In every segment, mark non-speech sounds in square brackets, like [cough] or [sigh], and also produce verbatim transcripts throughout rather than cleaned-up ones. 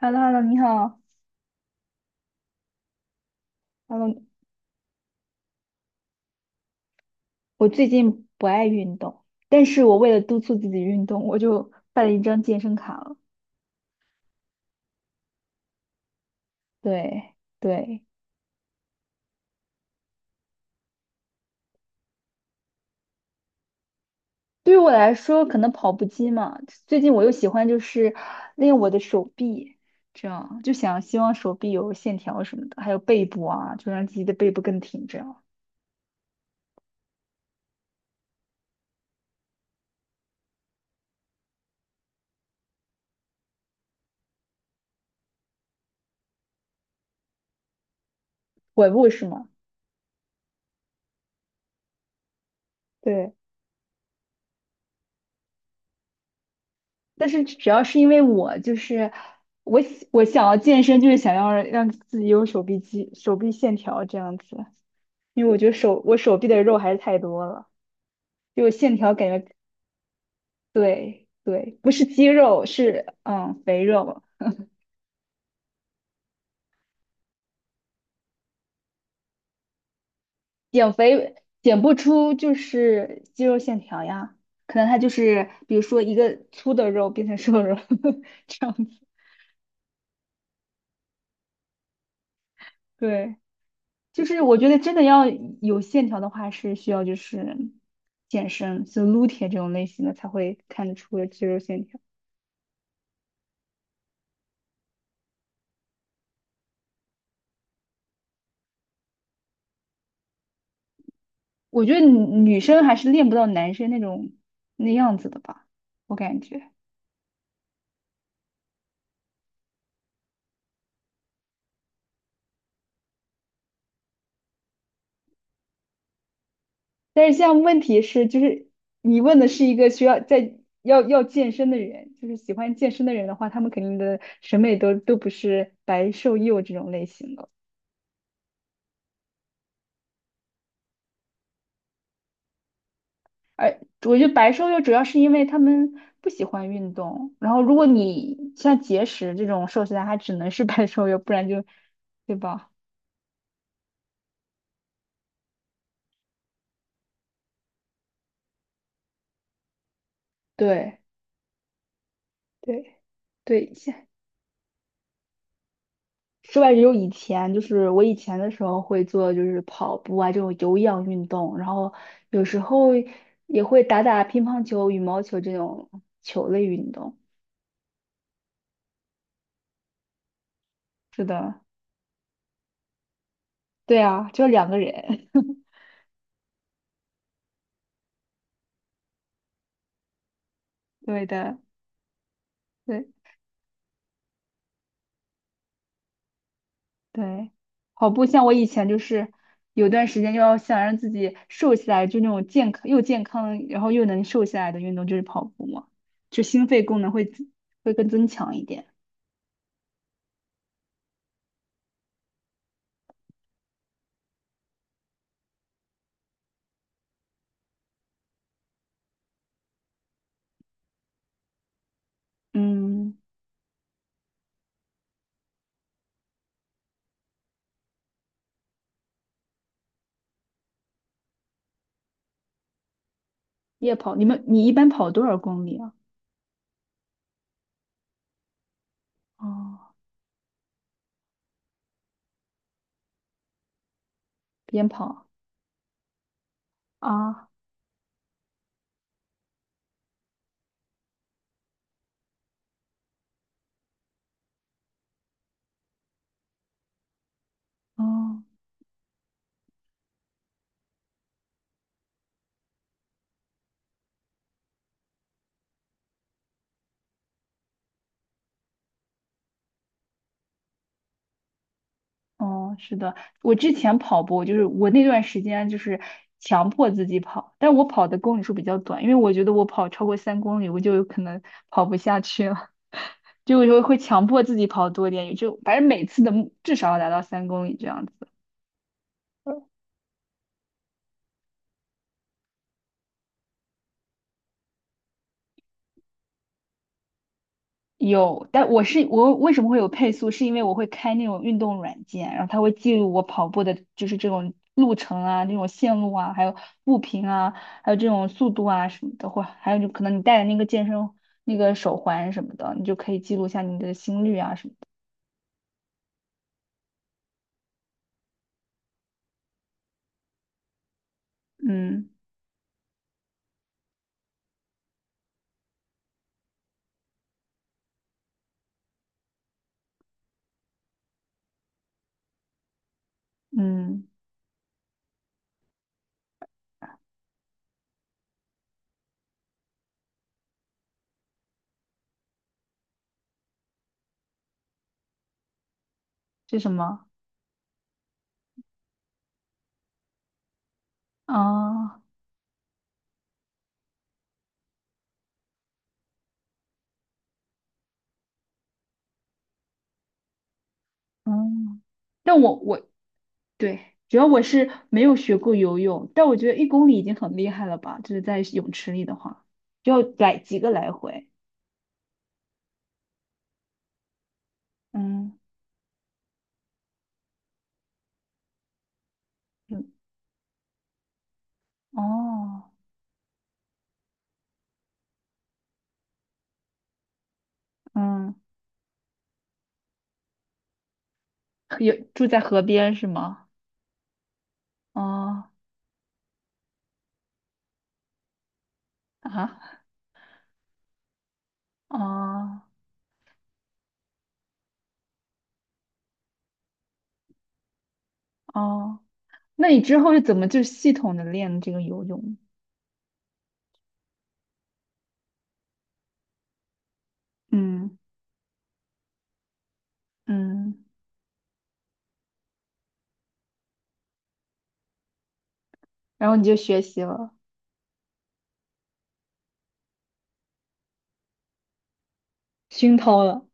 h e l l o h e l l o 你好，Hello，我最近不爱运动，但是我为了督促自己运动，我就办了一张健身卡了。对对，对于我来说，可能跑步机嘛，最近我又喜欢就是练我的手臂，这样就想希望手臂有线条什么的，还有背部啊，就让自己的背部更挺，这样腿部是吗？对，但是主要是因为我就是我喜我想要健身，就是想要让自己有手臂肌、手臂线条这样子。因为我觉得手我手臂的肉还是太多了，就线条感觉对对，不是肌肉是嗯肥肉，减肥减不出就是肌肉线条呀，可能它就是比如说一个粗的肉变成瘦肉 [laughs] 这样子，对，就是我觉得真的要有线条的话是需要就是健身，就撸铁这种类型的才会看得出肌肉线条，我觉得女女生还是练不到男生那种那样子的吧，我感觉。但是像问题是，就是你问的是一个需要在要要健身的人，就是喜欢健身的人的话，他们肯定的审美都都不是白瘦幼这种类型的。而我觉得白瘦幼主要是因为他们不喜欢运动，然后如果你像节食这种瘦下来，他只能是白瘦幼，不然就，对吧？对对对，室外只有以前，就是我以前的时候会做，就是跑步啊这种有氧运动，然后有时候也会打打乒乓球、羽毛球这种球类运动。是的，对啊，就两个人，[laughs] 对的，对对。跑步像我以前就是有段时间就要想让自己瘦下来，就那种健康又健康，然后又能瘦下来的运动就是跑步嘛，就心肺功能会会更增强一点。嗯，夜跑，你们你一般跑多少公里啊？哦，边跑啊，哦哦，是的，我之前跑步就是我那段时间就是强迫自己跑，但我跑的公里数比较短，因为我觉得我跑超过三公里我就有可能跑不下去了，[laughs] 就有时会强迫自己跑多点，也就反正每次的目至少要达到三公里这样子。有，但我是我为什么会有配速，是因为我会开那种运动软件，然后它会记录我跑步的，就是这种路程啊、那种线路啊，还有步频啊，还有这种速度啊什么的，或还有就可能你戴的那个健身那个手环什么的，你就可以记录下你的心率啊什么的。嗯嗯，这什么？啊嗯，但我我对，主要我是没有学过游泳，但我觉得一公里已经很厉害了吧，就是在泳池里的话，就要来几个来回。嗯嗯哦嗯，有住在河边是吗？哦啊哦哦，那你之后是怎么就系统的练这个游泳？嗯嗯，然后你就学习了，熏陶了。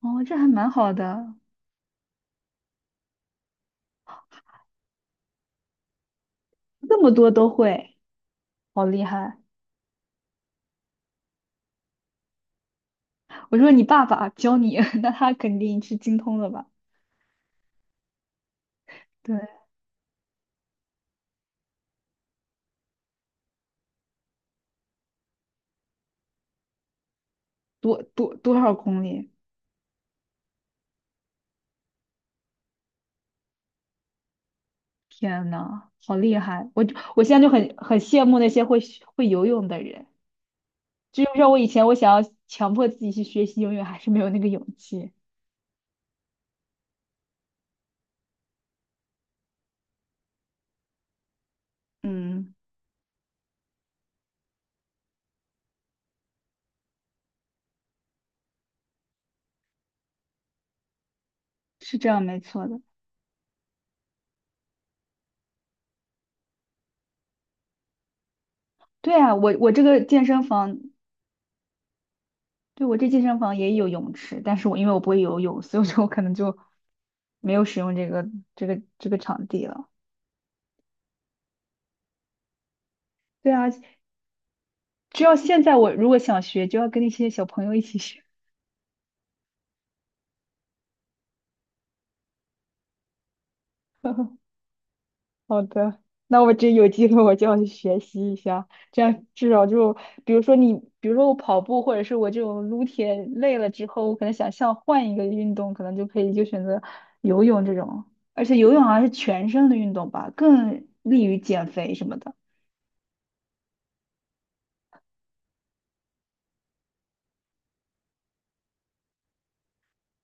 哦，这还蛮好的，这么多都会，好厉害！我说你爸爸教你，[laughs] 那他肯定是精通了吧？对，多多多少公里？天呐，好厉害！我就我现在就很很羡慕那些会会游泳的人。就像我以前，我想要强迫自己去学习游泳，还是没有那个勇气。嗯，是这样，没错的。对啊，我我这个健身房，对我这健身房也有泳池，但是我因为我不会游泳，所以说我可能就没有使用这个这个这个场地了。对啊，只要现在我如果想学，就要跟那些小朋友一起学。好的，那我这有机会我就要去学习一下，这样至少就比如说你，比如说我跑步或者是我这种撸铁累了之后，我可能想像换一个运动，可能就可以就选择游泳这种，而且游泳好像是全身的运动吧，更利于减肥什么的，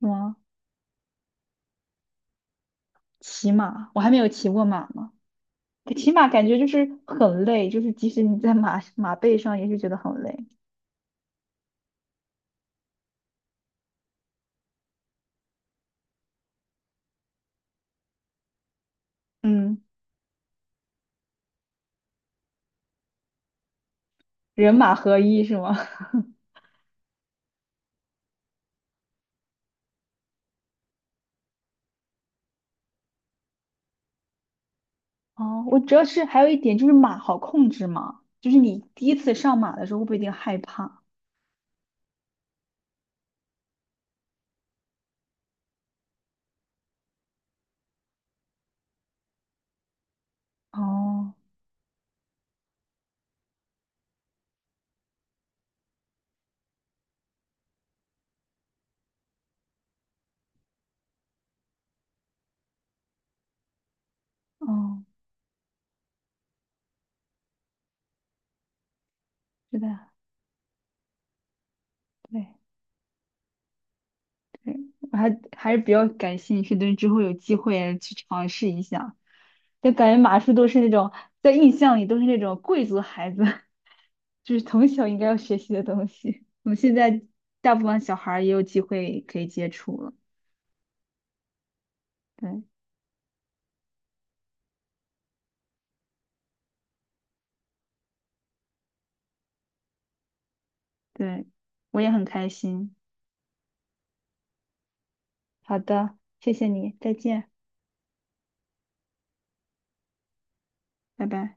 是吗？骑马，我还没有骑过马呢，骑马感觉就是很累，就是即使你在马马背上也是觉得很累，嗯，人马合一是吗？[laughs] 哦，我主要是还有一点就是马好控制嘛，就是你第一次上马的时候会不会有点害怕？哦哦，是的，对对，我还还是比较感兴趣的，之后有机会去尝试一下。就感觉马术都是那种在印象里都是那种贵族孩子，[laughs] 就是从小应该要学习的东西。我们现在大部分小孩儿也有机会可以接触了，对对，我也很开心。好的，谢谢你，再见，拜拜。